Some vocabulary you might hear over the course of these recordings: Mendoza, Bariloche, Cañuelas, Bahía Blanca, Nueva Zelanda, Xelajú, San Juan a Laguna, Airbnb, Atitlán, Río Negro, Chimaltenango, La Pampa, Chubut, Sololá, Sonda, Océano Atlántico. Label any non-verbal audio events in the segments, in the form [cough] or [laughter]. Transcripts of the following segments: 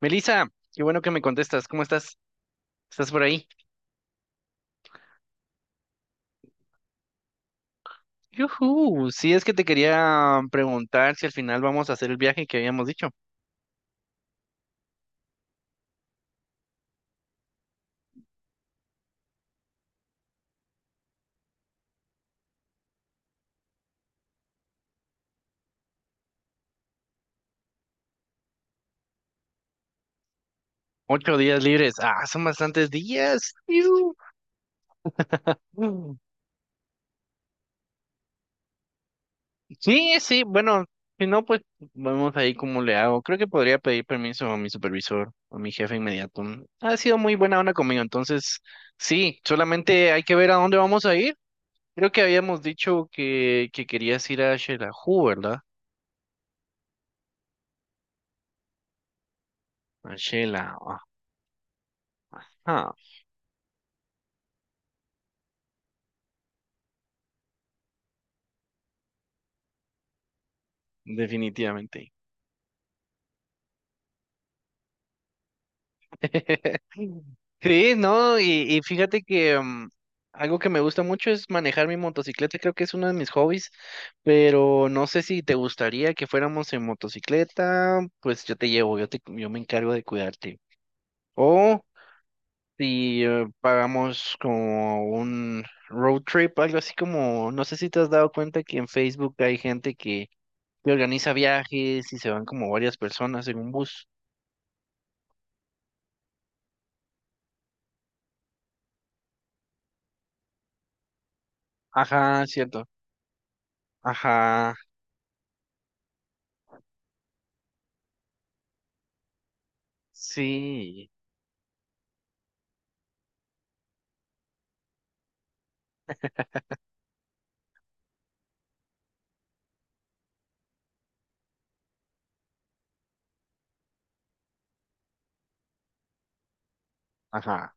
Melissa, qué bueno que me contestas. ¿Cómo estás? ¿Estás por ahí? Yujú, sí, es que te quería preguntar si al final vamos a hacer el viaje que habíamos dicho. 8 días libres. Ah, son bastantes días. Iu. Mm. Sí, sí, bueno, si no, pues vamos ahí como le hago. Creo que podría pedir permiso a mi supervisor o a mi jefe inmediato. Ha sido muy buena onda conmigo, entonces sí, solamente hay que ver a dónde vamos a ir. Creo que habíamos dicho que querías ir a Xelajú, ¿verdad? A Xela, ajá. Definitivamente. [laughs] Sí, no, y fíjate que algo que me gusta mucho es manejar mi motocicleta, creo que es uno de mis hobbies, pero no sé si te gustaría que fuéramos en motocicleta, pues yo te llevo, yo me encargo de cuidarte. O si pagamos como un road trip, algo así como, no sé si te has dado cuenta que en Facebook hay gente que organiza viajes y se van como varias personas en un bus. Ajá, cierto. Ajá, sí, ajá.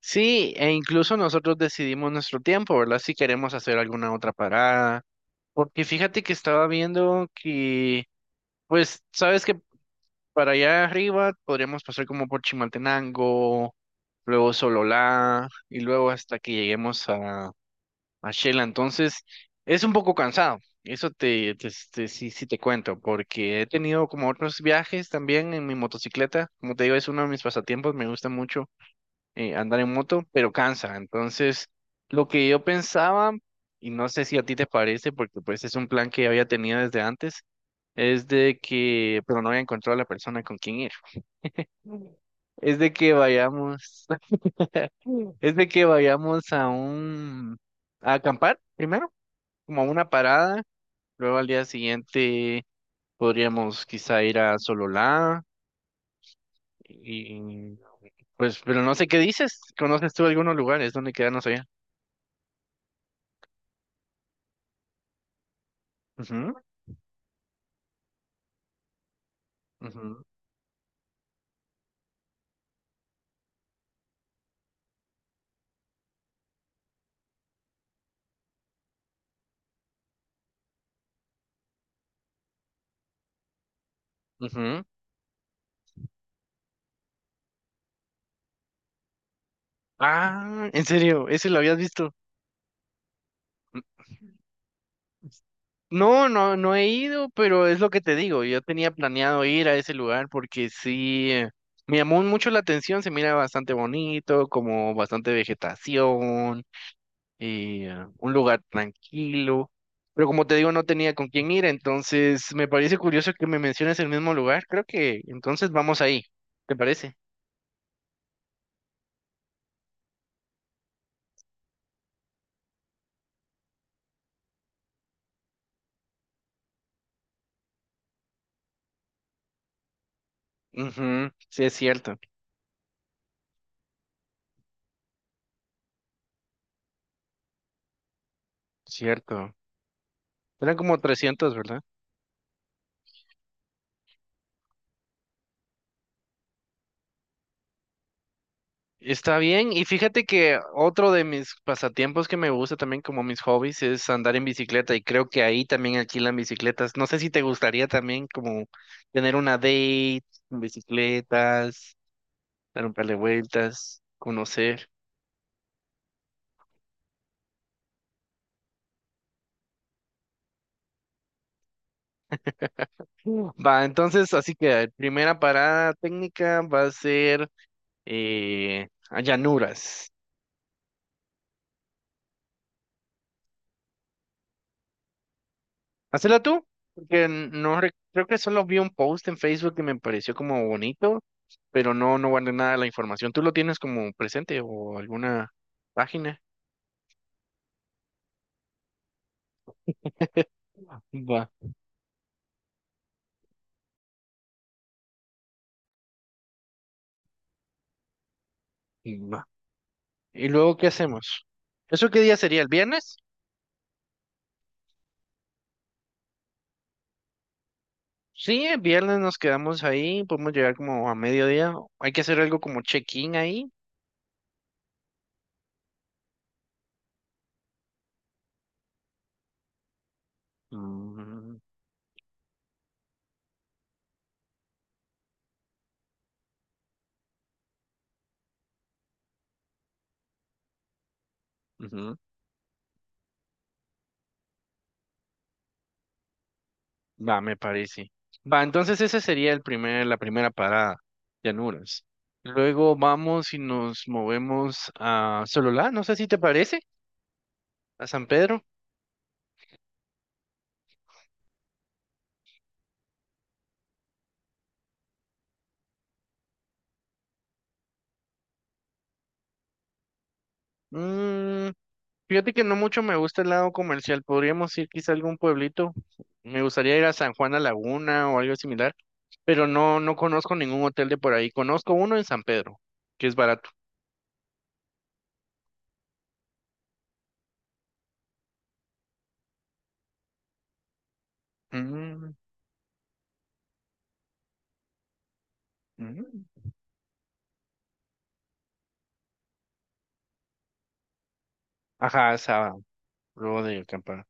Sí, e incluso nosotros decidimos nuestro tiempo, ¿verdad? Si queremos hacer alguna otra parada. Porque fíjate que estaba viendo que, pues, sabes que para allá arriba podríamos pasar como por Chimaltenango, luego Sololá y luego hasta que lleguemos a Shela. Entonces, es un poco cansado. Eso sí, sí te cuento, porque he tenido como otros viajes también en mi motocicleta. Como te digo, es uno de mis pasatiempos, me gusta mucho andar en moto, pero cansa. Entonces, lo que yo pensaba, y no sé si a ti te parece, porque pues es un plan que había tenido desde antes, es de que, pero no había encontrado a la persona con quien ir. Es de que vayamos, [laughs] es de que vayamos a acampar primero, como a una parada, luego al día siguiente podríamos quizá ir a Sololá y pues, pero no sé qué dices, ¿conoces tú algunos lugares donde quedarnos allá? Ujú, ujú, ujú. Ah, en serio, ese lo habías visto. No, no, no he ido, pero es lo que te digo. Yo tenía planeado ir a ese lugar porque sí, me llamó mucho la atención. Se mira bastante bonito, como bastante vegetación y un lugar tranquilo. Pero como te digo, no tenía con quién ir, entonces me parece curioso que me menciones el mismo lugar. Creo que entonces vamos ahí. ¿Te parece? Ujú, sí, es cierto, cierto. Eran como 300, ¿verdad? Está bien, y fíjate que otro de mis pasatiempos que me gusta también como mis hobbies es andar en bicicleta y creo que ahí también alquilan bicicletas. No sé si te gustaría también como tener una date con bicicletas, dar un par de vueltas, conocer. Mm. Va, entonces, así que primera parada técnica va a ser a Llanuras. Hacela tú, porque no re- creo que solo vi un post en Facebook que me pareció como bonito, pero no, no guardé nada de la información. ¿Tú lo tienes como presente o alguna página? Va, va. ¿Y luego qué hacemos? ¿Eso qué día sería? ¿El viernes? Sí, el viernes nos quedamos ahí, podemos llegar como a mediodía. Hay que hacer algo como check-in ahí. Mm, ujú. Va, me parece. Va, entonces esa sería la primera parada, Llanuras. Luego vamos y nos movemos a Sololá, no sé si te parece, a San Pedro. Mm, fíjate que no mucho me gusta el lado comercial, podríamos ir quizá a algún pueblito. Me gustaría ir a San Juan a Laguna o algo similar, pero no, no conozco ningún hotel de por ahí. Conozco uno en San Pedro, que es barato. Mm, mm. Ajá, esa, luego de acampar.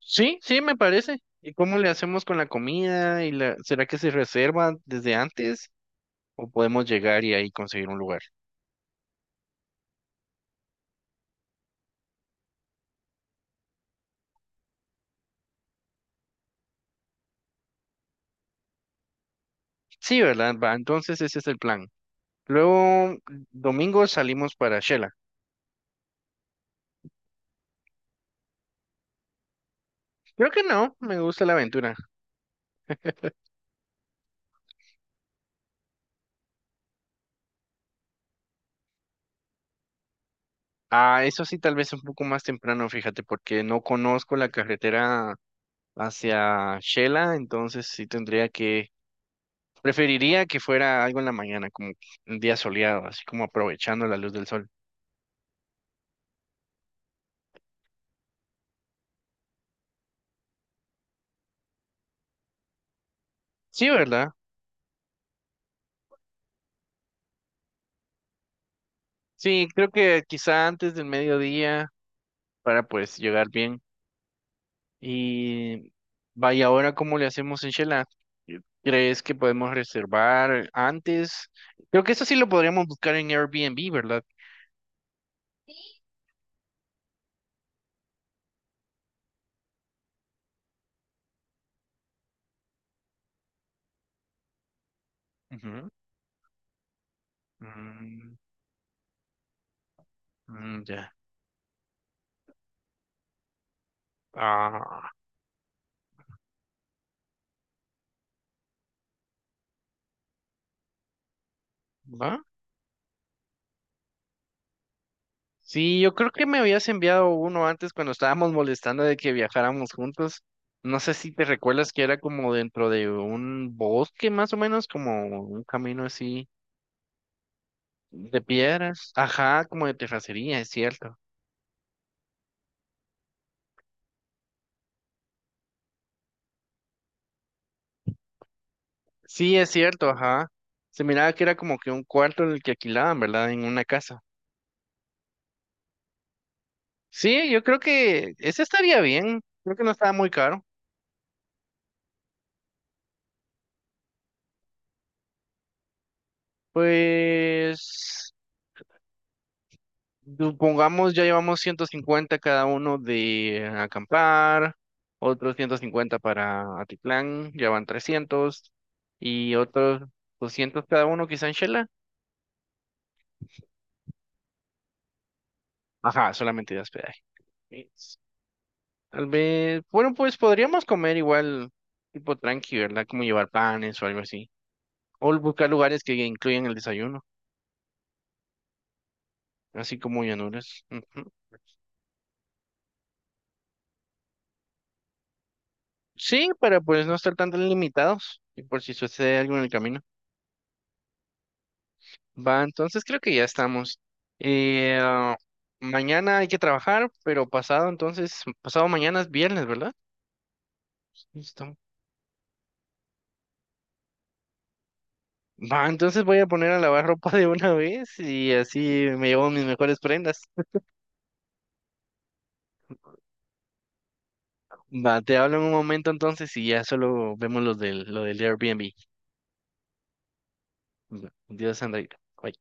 Sí, sí, me parece. ¿Y cómo le hacemos con la comida? ¿Será que se reserva desde antes? ¿O podemos llegar y ahí conseguir un lugar? Sí, ¿verdad? Va, entonces ese es el plan. Luego, domingo salimos para Shela. Creo que no, me gusta la aventura. Ah, eso sí, tal vez un poco más temprano, fíjate, porque no conozco la carretera hacia Shela, entonces sí tendría que, preferiría que fuera algo en la mañana, como un día soleado, así como aprovechando la luz del sol. Sí, ¿verdad? Sí, creo que quizá antes del mediodía para pues llegar bien. Y vaya, ahora cómo le hacemos en Shela. ¿Crees que podemos reservar antes? Creo que eso sí lo podríamos buscar en Airbnb, ¿verdad? Ujú. Mm, mm, ya. Ah, ¿va? Sí, yo creo que me habías enviado uno antes cuando estábamos molestando de que viajáramos juntos. No sé si te recuerdas que era como dentro de un bosque más o menos, como un camino así. De piedras. Ajá, como de terracería, es cierto. Sí, es cierto, ajá. Se miraba que era como que un cuarto en el que alquilaban, ¿verdad? En una casa. Sí, yo creo que ese estaría bien. Creo que no estaba muy caro. Pues, supongamos, ya llevamos 150 cada uno de acampar, otros 150 para Atitlán, ya van 300, y otros 200 cada uno quizá en Shela. Ajá, solamente de hospedaje. Tal vez, bueno, pues podríamos comer igual tipo tranqui, ¿verdad? Como llevar panes o algo así. O buscar lugares que incluyan el desayuno, así como Llanuras. Ujú. Sí, para pues no estar tan limitados y por si sucede algo en el camino. Va, entonces creo que ya estamos. Ah, mañana hay que trabajar, pero pasado entonces, pasado mañana es viernes, ¿verdad? Listo. Va, entonces voy a poner a lavar ropa [laughs] de una vez y así me llevo mis mejores prendas. Va, te hablo en un momento entonces y ya solo vemos lo del Airbnb. Dios, Sandra. Bye.